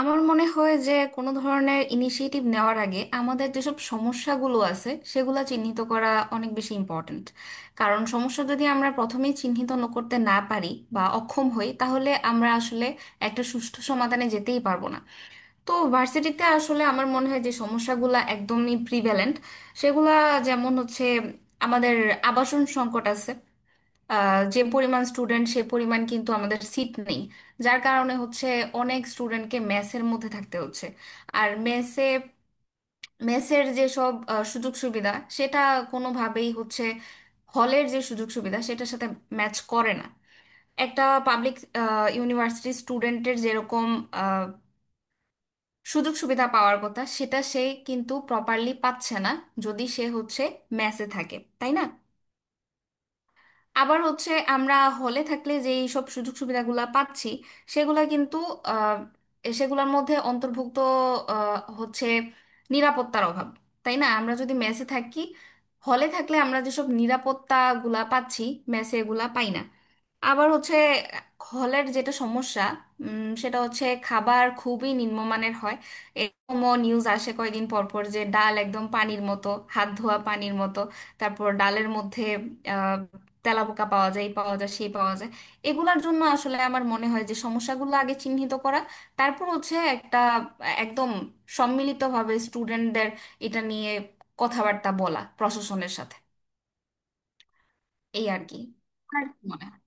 আমার মনে হয় যে কোনো ধরনের ইনিশিয়েটিভ নেওয়ার আগে আমাদের যেসব সমস্যাগুলো আছে সেগুলো চিহ্নিত করা অনেক বেশি ইম্পর্ট্যান্ট। কারণ সমস্যা যদি আমরা প্রথমেই চিহ্নিত করতে না পারি বা অক্ষম হই, তাহলে আমরা আসলে একটা সুষ্ঠু সমাধানে যেতেই পারবো না। তো ভার্সিটিতে আসলে আমার মনে হয় যে সমস্যাগুলো একদমই প্রিভ্যালেন্ট, সেগুলা যেমন হচ্ছে আমাদের আবাসন সংকট আছে। যে পরিমাণ স্টুডেন্ট সে পরিমাণ কিন্তু আমাদের সিট নেই, যার কারণে হচ্ছে অনেক স্টুডেন্টকে মেসের মধ্যে থাকতে হচ্ছে। আর মেসে মেসের যেসব সুযোগ সুবিধা, সেটা কোনোভাবেই হচ্ছে হলের যে সুযোগ সুবিধা সেটার সাথে ম্যাচ করে না। একটা পাবলিক ইউনিভার্সিটি স্টুডেন্টের যেরকম আহ, সুযোগ সুবিধা পাওয়ার কথা সেটা সে কিন্তু প্রপারলি পাচ্ছে না, যদি সে হচ্ছে মেসে থাকে, তাই না? আবার হচ্ছে আমরা হলে থাকলে যে এইসব সুযোগ সুবিধাগুলা পাচ্ছি, সেগুলা কিন্তু আহ, সেগুলোর মধ্যে অন্তর্ভুক্ত হচ্ছে নিরাপত্তার অভাব। তাই না, আমরা যদি মেসে থাকি, হলে থাকলে আমরা যেসব নিরাপত্তাগুলা পাচ্ছি মেসে এগুলা পাই না। আবার হচ্ছে হলের যেটা সমস্যা, সেটা হচ্ছে খাবার খুবই নিম্নমানের হয়। এরকমও নিউজ আসে কয়েকদিন পর পর যে ডাল একদম পানির মতো, হাত ধোয়া পানির মতো। তারপর ডালের মধ্যে আহ, তেলাপোকা পাওয়া যায়, এই পাওয়া যায় সেই পাওয়া যায়। এগুলার জন্য আসলে আমার মনে হয় যে সমস্যাগুলো আগে চিহ্নিত করা, তারপর হচ্ছে একটা একদম সম্মিলিতভাবে স্টুডেন্টদের এটা নিয়ে কথাবার্তা বলা প্রশাসনের সাথে। এই আর কি। আর কি মনে হয়?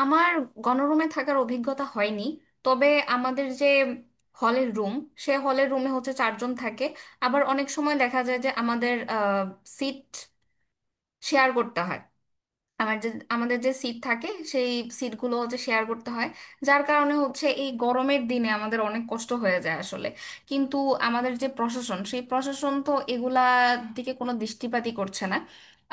আমার গণরুমে থাকার অভিজ্ঞতা হয়নি। তবে আমাদের যে হলের রুম, সে হলের রুমে হচ্ছে 4 জন থাকে। আবার অনেক সময় দেখা যায় যে আমাদের সিট শেয়ার করতে হয়। আমার যে আমাদের যে সিট থাকে, সেই সিটগুলো হচ্ছে শেয়ার করতে হয়, যার কারণে হচ্ছে এই গরমের দিনে আমাদের অনেক কষ্ট হয়ে যায় আসলে। কিন্তু আমাদের যে প্রশাসন, সেই প্রশাসন তো এগুলার দিকে কোনো দৃষ্টিপাতই করছে না।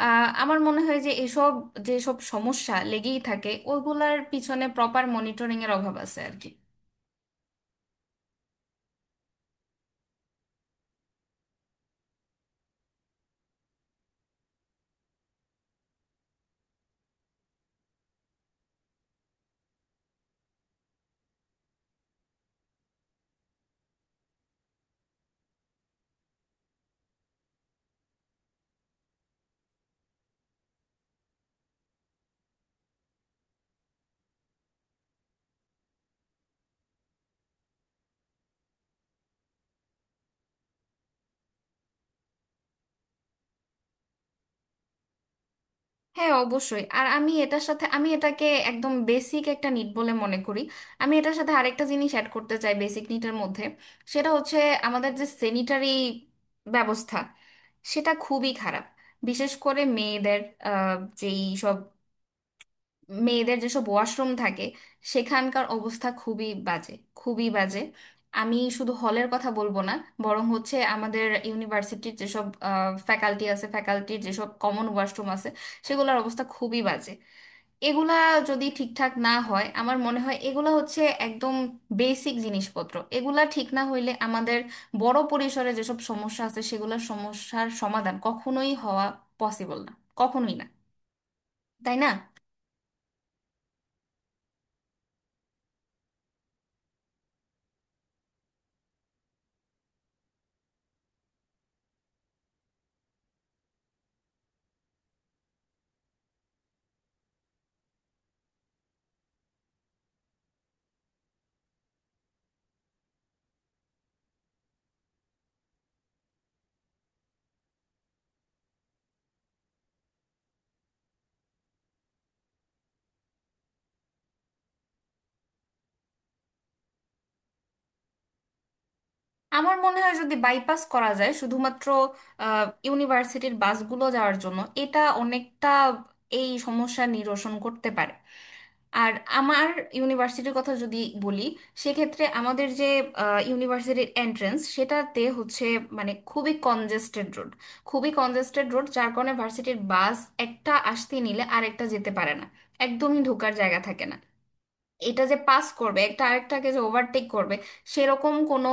আমার মনে হয় যে এসব যেসব সমস্যা লেগেই থাকে ওইগুলার পিছনে প্রপার মনিটরিং এর অভাব আছে আর কি। হ্যাঁ, অবশ্যই। আর আমি এটার সাথে আমি এটাকে একদম বেসিক একটা নিট বলে মনে করি। আমি এটার সাথে আরেকটা জিনিস অ্যাড করতে চাই বেসিক নিটের মধ্যে, সেটা হচ্ছে আমাদের যে স্যানিটারি ব্যবস্থা, সেটা খুবই খারাপ। বিশেষ করে মেয়েদের আহ, যেই সব মেয়েদের যেসব ওয়াশরুম থাকে, সেখানকার অবস্থা খুবই বাজে, খুবই বাজে। আমি শুধু হলের কথা বলবো না, বরং হচ্ছে আমাদের ইউনিভার্সিটির যেসব ফ্যাকাল্টি আছে ফ্যাকাল্টির যেসব কমন ওয়াশরুম আছে, সেগুলোর অবস্থা খুবই বাজে। এগুলা যদি ঠিকঠাক না হয়, আমার মনে হয় এগুলা হচ্ছে একদম বেসিক জিনিসপত্র। এগুলা ঠিক না হইলে আমাদের বড় পরিসরে যেসব সমস্যা আছে সেগুলোর সমস্যার সমাধান কখনোই হওয়া পসিবল না, কখনোই না, তাই না? আমার মনে হয় যদি বাইপাস করা যায় শুধুমাত্র ইউনিভার্সিটির বাসগুলো যাওয়ার জন্য, এটা অনেকটা এই সমস্যা নিরসন করতে পারে। আর আমার ইউনিভার্সিটির কথা যদি বলি, সেক্ষেত্রে আমাদের যে ইউনিভার্সিটির এন্ট্রেন্স, সেটাতে হচ্ছে মানে খুবই কনজেস্টেড রোড, খুবই কনজেস্টেড রোড, যার কারণে ভার্সিটির বাস একটা আসতে নিলে আরেকটা যেতে পারে না, একদমই ঢোকার জায়গা থাকে না। এটা যে পাস করবে, একটা আরেকটাকে যে ওভারটেক করবে, সেরকম কোনো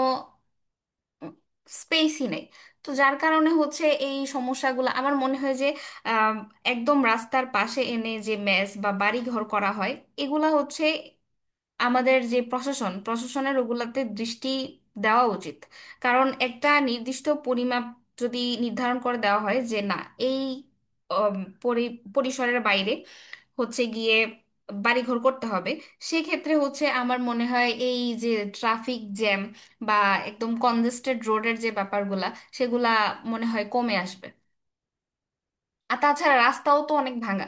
স্পেসই নেই। তো যার কারণে হচ্ছে এই সমস্যাগুলো আমার মনে হয় যে আম, একদম রাস্তার পাশে এনে যে মেস বা বাড়ি ঘর করা হয়, এগুলা হচ্ছে আমাদের যে প্রশাসন, প্রশাসনের ওগুলাতে দৃষ্টি দেওয়া উচিত। কারণ একটা নির্দিষ্ট পরিমাপ যদি নির্ধারণ করে দেওয়া হয় যে না, এই অম, পরিসরের বাইরে হচ্ছে গিয়ে বাড়িঘর করতে হবে, সেক্ষেত্রে হচ্ছে আমার মনে হয় এই যে ট্রাফিক জ্যাম বা একদম কনজেস্টেড রোডের যে ব্যাপারগুলা, সেগুলা মনে হয় কমে আসবে। আর তাছাড়া রাস্তাও তো অনেক ভাঙা।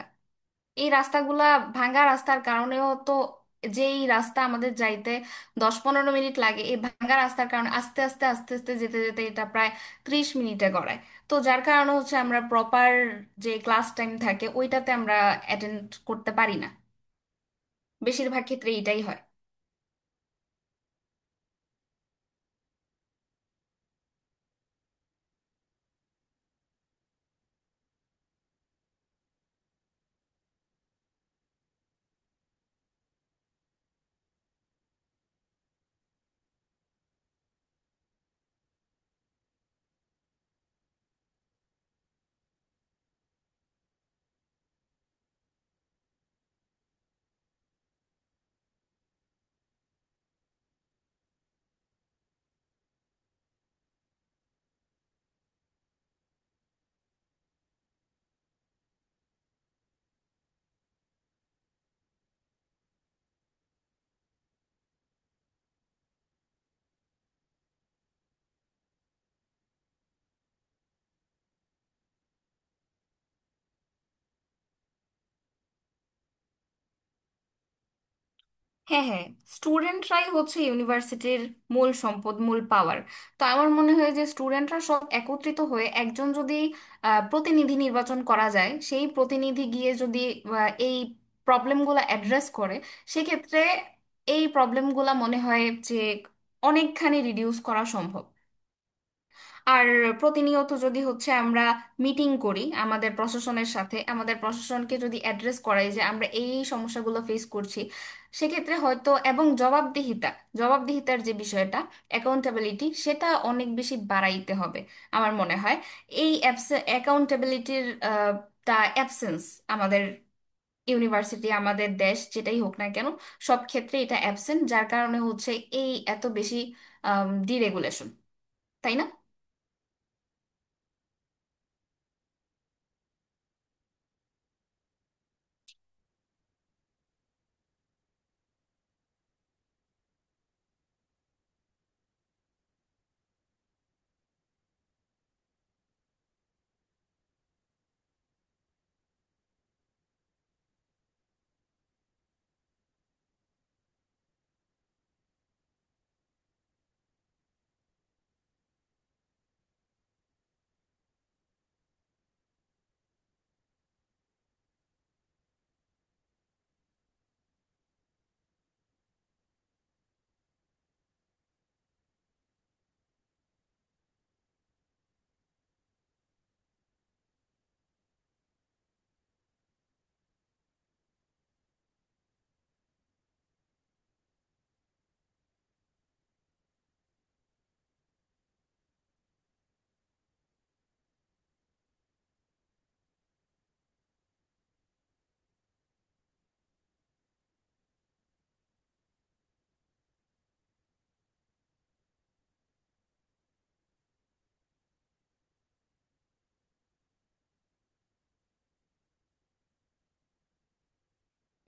এই রাস্তাগুলা, ভাঙা রাস্তার কারণেও তো যেই রাস্তা আমাদের যাইতে 10-15 মিনিট লাগে, এই ভাঙা রাস্তার কারণে আস্তে আস্তে আস্তে আস্তে যেতে যেতে এটা প্রায় 30 মিনিটে গড়ায়। তো যার কারণে হচ্ছে আমরা প্রপার যে ক্লাস টাইম থাকে ওইটাতে আমরা অ্যাটেন্ড করতে পারি না, বেশিরভাগ ক্ষেত্রে এটাই হয়। হ্যাঁ, হ্যাঁ, স্টুডেন্টরাই হচ্ছে ইউনিভার্সিটির মূল সম্পদ, মূল পাওয়ার। তো আমার মনে হয় যে স্টুডেন্টরা সব একত্রিত হয়ে একজন যদি প্রতিনিধি নির্বাচন করা যায়, সেই প্রতিনিধি গিয়ে যদি এই প্রবলেমগুলো অ্যাড্রেস করে, সেক্ষেত্রে এই প্রবলেমগুলো মনে হয় যে অনেকখানি রিডিউস করা সম্ভব। আর প্রতিনিয়ত যদি হচ্ছে আমরা মিটিং করি আমাদের প্রশাসনের সাথে, আমাদের প্রশাসনকে যদি অ্যাড্রেস করাই যে আমরা এই এই সমস্যাগুলো ফেস করছি, সেক্ষেত্রে হয়তো। এবং জবাবদিহিতা, জবাবদিহিতার যে বিষয়টা, অ্যাকাউন্টেবিলিটি, সেটা অনেক বেশি বাড়াইতে হবে। আমার মনে হয় এই অ্যাকাউন্টেবিলিটির তা অ্যাবসেন্স আমাদের ইউনিভার্সিটি, আমাদের দেশ যেটাই হোক না কেন, সব ক্ষেত্রে এটা অ্যাবসেন্ট, যার কারণে হচ্ছে এই এত বেশি ডিরেগুলেশন, তাই না?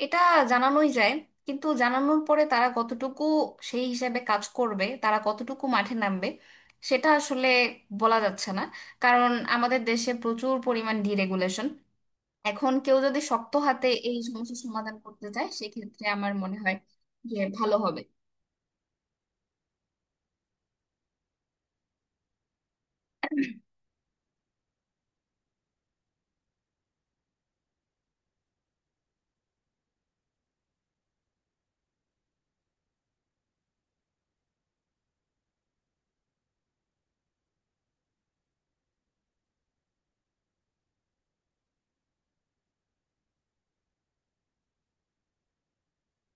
এটা জানানোই যায়, কিন্তু জানানোর পরে তারা কতটুকু সেই হিসাবে কাজ করবে, তারা কতটুকু মাঠে নামবে, সেটা আসলে বলা যাচ্ছে না। কারণ আমাদের দেশে প্রচুর পরিমাণ ডিরেগুলেশন। এখন কেউ যদি শক্ত হাতে এই সমস্যার সমাধান করতে চায়, সেক্ষেত্রে আমার মনে হয় যে ভালো হবে।